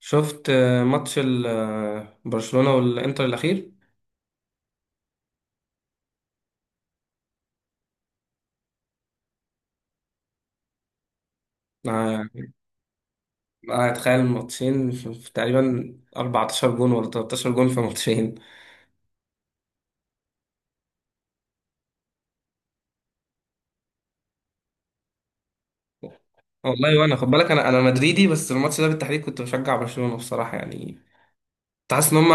شفت ماتش برشلونة والإنتر الأخير. يعني أنا أتخيل ماتشين في تقريبا 14 جون ولا 13 جون في ماتشين. والله، وأنا خد بالك أنا مدريدي، بس الماتش ده بالتحديد كنت بشجع برشلونة بصراحة، يعني كنت حاسس إن هم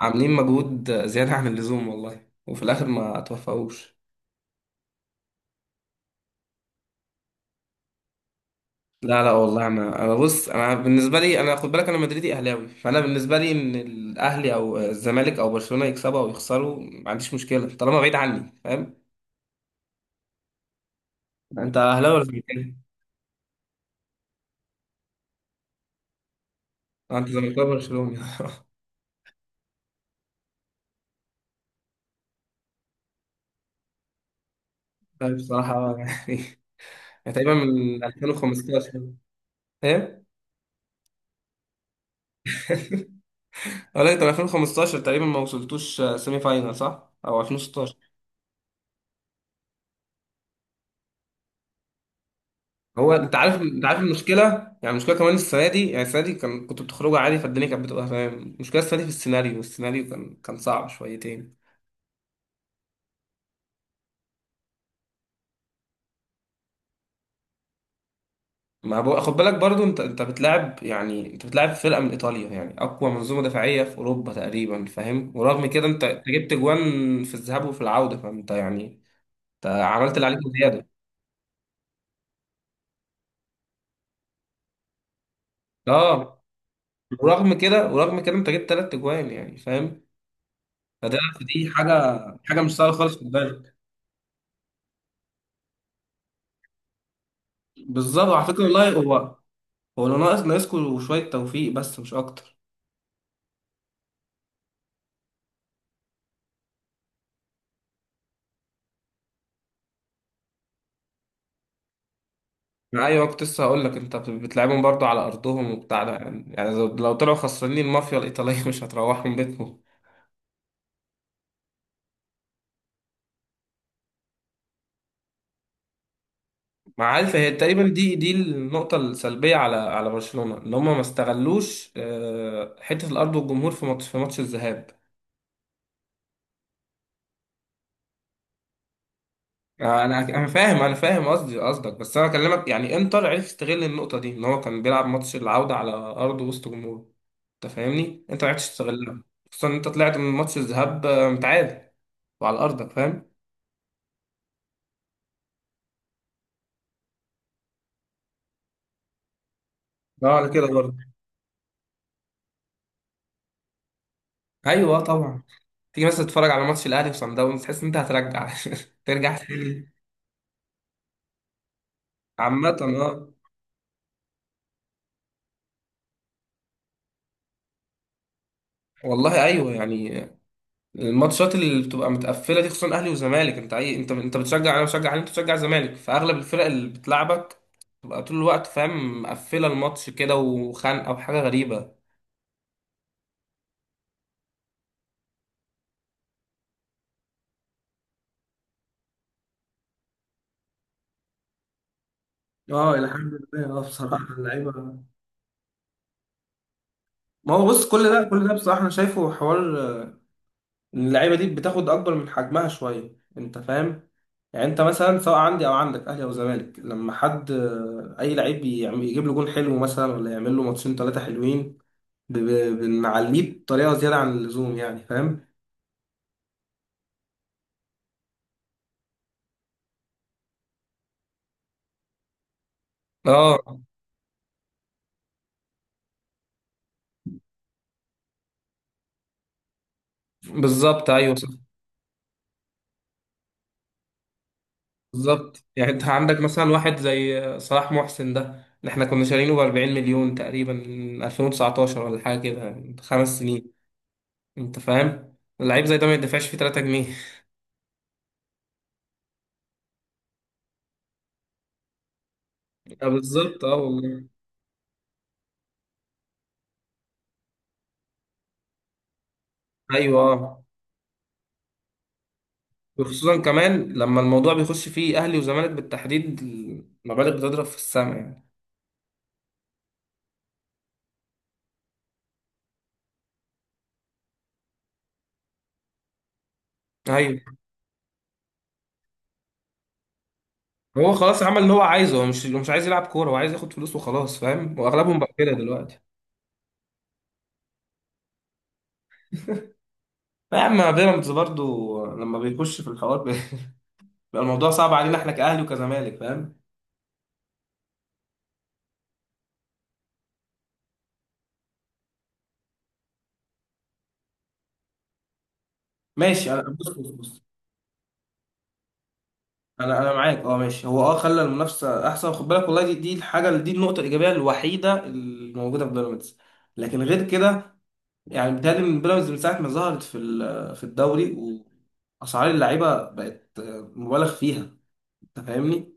عاملين مجهود زيادة عن اللزوم، والله، وفي الآخر ما توفقوش. لا لا والله، أنا بص، أنا بالنسبة لي، أنا خد بالك أنا مدريدي أهلاوي، فأنا بالنسبة لي إن الأهلي أو الزمالك أو برشلونة يكسبوا أو يخسروا ما عنديش مشكلة طالما بعيد عني، فاهم؟ انت اهلاوي ولا زملكاوي؟ اه، انت زملكاوي برشلوني. طيب بصراحه، يعني تقريبا من 2015. ايه؟ اه لا، انت من 2015 تقريبا ما وصلتوش سيمي فاينال، صح؟ او 2016. هو انت عارف، انت عارف المشكله. يعني المشكله كمان السنه دي، يعني السنه دي كنت بتخرجوا عادي، فالدنيا كانت بتبقى تمام. المشكله السنه دي في السيناريو، كان صعب شويتين. ما بو... خد بالك برضو، انت بتلعب فرقه من ايطاليا، يعني اقوى منظومه دفاعيه في اوروبا تقريبا، فاهم؟ ورغم كده انت جبت جوان في الذهاب وفي العوده، فانت يعني انت عملت اللي عليك وزياده. اه، ورغم كده انت جبت ثلاث جوان، يعني فاهم. فده دي حاجه، مش سهله خالص، خد بالك. بالظبط، على فكره، والله، هو اللي ناقصكوا شويه توفيق، بس مش اكتر. ايوه، كنت لسه هقول لك انت بتلعبهم برضو على ارضهم وبتاع ده، يعني لو طلعوا خسرانين، المافيا الايطاليه مش هتروحهم بيتهم. ما عارف، هي تقريبا دي النقطه السلبيه على برشلونه ان هم ما استغلوش حته الارض والجمهور في ماتش، الذهاب. انا انا فاهم، قصدك، بس انا بكلمك، يعني انتر عرف يستغل النقطه دي، ان هو كان بيلعب ماتش العوده على ارض وسط جمهور. انت فاهمني؟ انت ما عرفتش تستغلها، خصوصا ان انت طلعت من ماتش الذهاب متعادل وعلى ارضك، فاهم. اه، على كده برضه. ايوه طبعا. تيجي مثلا تتفرج على ماتش الاهلي وصن داونز، تحس ان انت هترجع ترجع تاني. عامة، اه. والله ايوه، يعني الماتشات اللي بتبقى متقفله دي، خصوصا اهلي وزمالك. انت اي انت انت بتشجع، انا بشجع اهلي، انت بتشجع زمالك، فاغلب الفرق اللي بتلعبك تبقى طول الوقت، فاهم، مقفله الماتش كده وخانقه وحاجه غريبه. اه الحمد لله، بصراحه اللعيبه، ما هو بص، كل ده بصراحه انا شايفه حوار اللعيبه دي بتاخد اكبر من حجمها شويه، انت فاهم. يعني انت مثلا، سواء عندي او عندك اهلي او زمالك، لما حد اي لعيب يجيب له جون حلو مثلا، ولا يعمل له ماتشين ثلاثه حلوين، بنعليه بطريقه زياده عن اللزوم، يعني فاهم. اه بالظبط، ايوه صح. بالظبط، يعني انت عندك مثلا واحد زي صلاح محسن ده، اللي احنا كنا شارينه ب 40 مليون تقريبا من 2019 ولا حاجه كده، من 5 سنين، انت فاهم. اللعيب زي ده ما يدفعش فيه 3 جنيه. بالظبط اه والله ايوه. وخصوصا كمان لما الموضوع بيخش فيه اهلي وزمالك بالتحديد، المبالغ بتضرب في السماء يعني. ايوه، هو خلاص عمل اللي هو عايزه، هو مش عايز يلعب كوره، هو عايز ياخد فلوس وخلاص، فاهم؟ واغلبهم بقى كده دلوقتي. لا يا عم، بيراميدز برضو لما بيخش في الحوار بيبقى الموضوع صعب علينا، احنا كاهلي وكزمالك، فاهم. ماشي، انا بص بص بص. انا معاك، اه ماشي، هو خلى المنافسه احسن، خد بالك، والله، دي دي الحاجه دي النقطه الايجابيه الوحيده الموجوده في بيراميدز. لكن غير كده، يعني بيتهيألي من بيراميدز من ساعة ما ظهرت في الدوري، وأسعار اللعيبة بقت مبالغ فيها. أنت فاهمني؟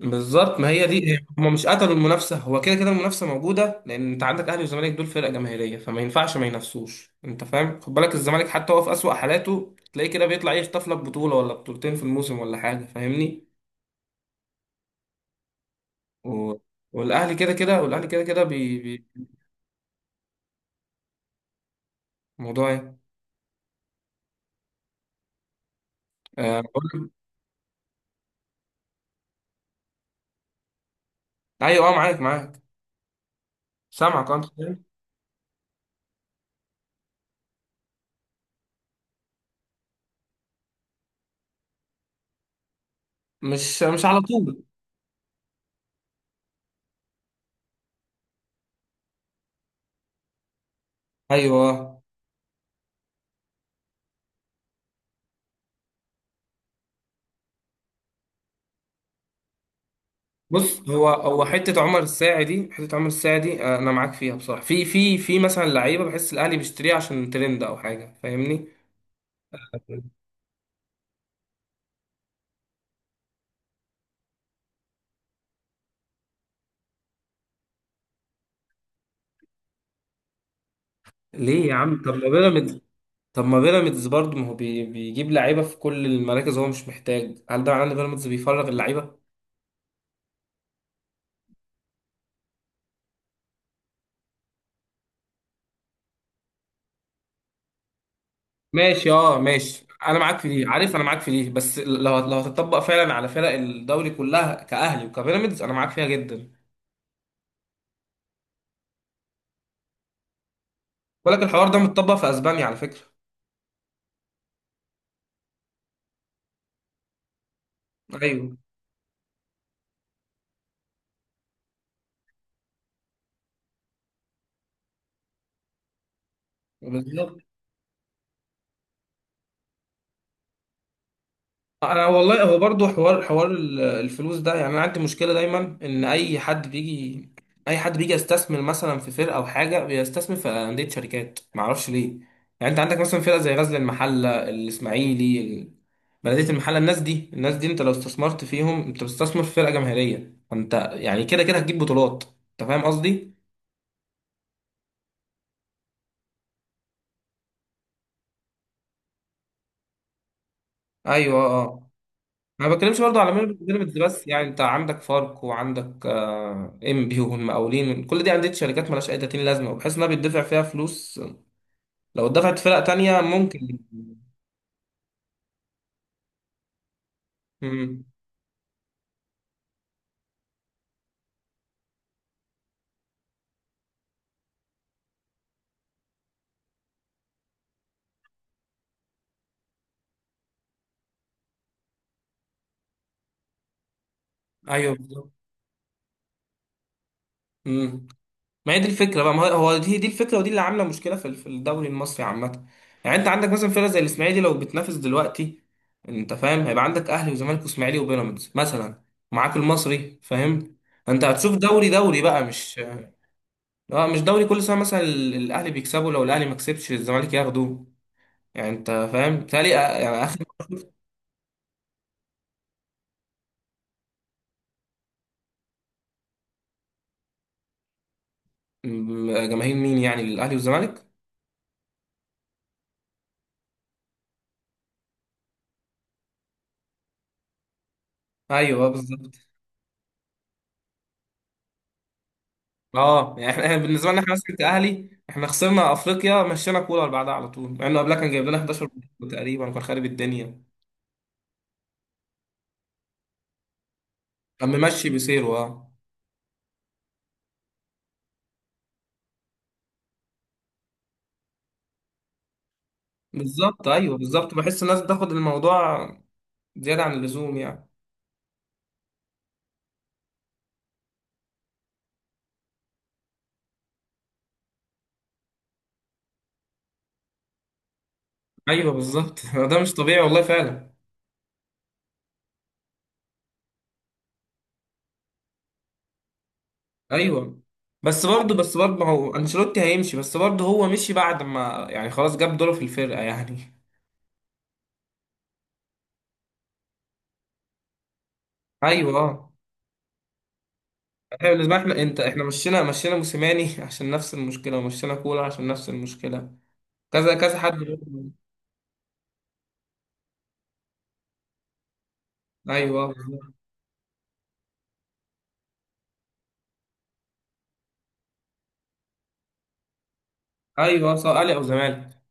بالظبط، ما هي دي، هم مش قتلوا المنافسه، هو كده كده المنافسه موجوده، لان انت عندك اهلي وزمالك، دول فرق جماهيريه، فما ينفعش ما ينافسوش، انت فاهم، خد بالك الزمالك حتى هو في اسوأ حالاته تلاقيه كده بيطلع يخطف لك بطوله ولا بطولتين في الموسم ولا حاجه، فاهمني. و... والاهلي كده كده، موضوع ايه؟ آه... بقول لك- ايوه اه معاك معاك. سامعك، انت مش على طول. ايوه بص، هو حته عمر الساعي دي، انا معاك فيها بصراحه، في مثلا لعيبه بحس الاهلي بيشتريها عشان ترند او حاجه، فاهمني. ليه يا عم، طب ما بيراميدز. طب ما بيراميدز برضه، ما هو بيجيب لعيبه في كل المراكز، هو مش محتاج، هل ده معناه ان بيراميدز بيفرغ اللعيبه؟ ماشي، اه ماشي، انا معاك في دي، عارف، انا معاك في دي، بس لو هتطبق فعلا على فرق الدوري كلها كاهلي وكبيراميدز، انا معاك فيها جدا. ولكن الحوار ده متطبق في اسبانيا، على فكره. ايوه بالظبط. انا والله، هو برضو حوار الفلوس ده، يعني انا عندي مشكله دايما ان اي حد بيجي، يستثمر مثلا في فرقه او حاجه، بيستثمر في انديه شركات، ما اعرفش ليه. يعني انت عندك مثلا فرقه زي غزل المحله، الاسماعيلي، بلديه المحله، الناس دي، انت لو استثمرت فيهم، انت بتستثمر في فرقه جماهيريه، فانت يعني كده كده هتجيب بطولات، انت فاهم قصدي؟ ايوه اه، ما بتكلمش برضو على بيراميدز بس، يعني انت عندك فاركو وعندك ام بي والمقاولين، كل دي انديه شركات مالهاش اي 30 لازمه، وبحيث انها بيدفع فيها فلوس لو اتدفعت فرق تانية ممكن. امم. ايوه بالظبط. امم. ما هي دي الفكره بقى، ما هو دي الفكره، ودي اللي عامله مشكله في الدوري المصري عامه. يعني انت عندك مثلا فرقه زي الاسماعيلي لو بتنافس دلوقتي، انت فاهم هيبقى عندك اهلي وزمالك واسماعيلي وبيراميدز مثلا، معاك المصري، فاهم. انت هتشوف دوري، دوري بقى مش... اه، مش دوري كل سنه مثلا الاهلي بيكسبوا، لو الاهلي ما كسبش الزمالك ياخدوه، يعني انت فاهم، بتهيألي يعني اخر... جماهير مين، يعني الاهلي والزمالك؟ ايوه بالظبط، اه يعني احنا بالنسبه لنا، احنا مثلا كاهلي احنا خسرنا افريقيا، مشينا كولر بعدها على طول، مع انه قبلها كان جايب لنا 11 بطولة تقريبا وكان خارب الدنيا، كان ممشي بسيره اه. بالظبط، ايوه بالظبط، بحس الناس بتاخد الموضوع زياده عن اللزوم يعني. ايوه بالظبط. ده مش طبيعي والله فعلا. ايوه، بس برضه ما هو انشيلوتي هيمشي، بس برضه هو مشي بعد ما، يعني خلاص جاب دوره في الفرقه يعني. ايوه اه، احنا بالنسبه احنا انت احنا مشينا موسيماني عشان نفس المشكله، ومشينا كولر عشان نفس المشكله، كذا كذا حد برضه. ايوه بالظبط. ايوه، سواء اهلي او زمالك.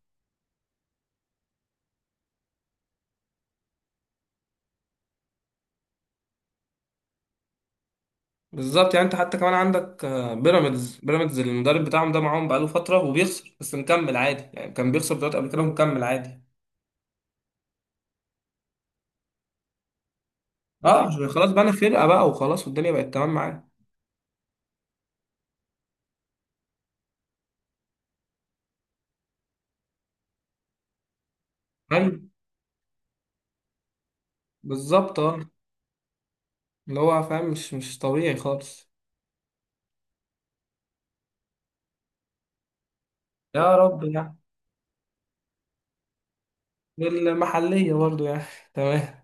بالظبط، يعني انت حتى كمان عندك بيراميدز، المدرب بتاعهم ده معاهم بقاله فتره وبيخسر، بس مكمل عادي، يعني كان بيخسر بطولات قبل كده ومكمل عادي. اه عشان خلاص بقى انا فرقه بقى وخلاص، والدنيا بقت تمام معاه. ايوه بالظبط، اه اللي هو فاهم مش طبيعي خالص. يا رب يعني. والمحلية برضو يعني. تمام.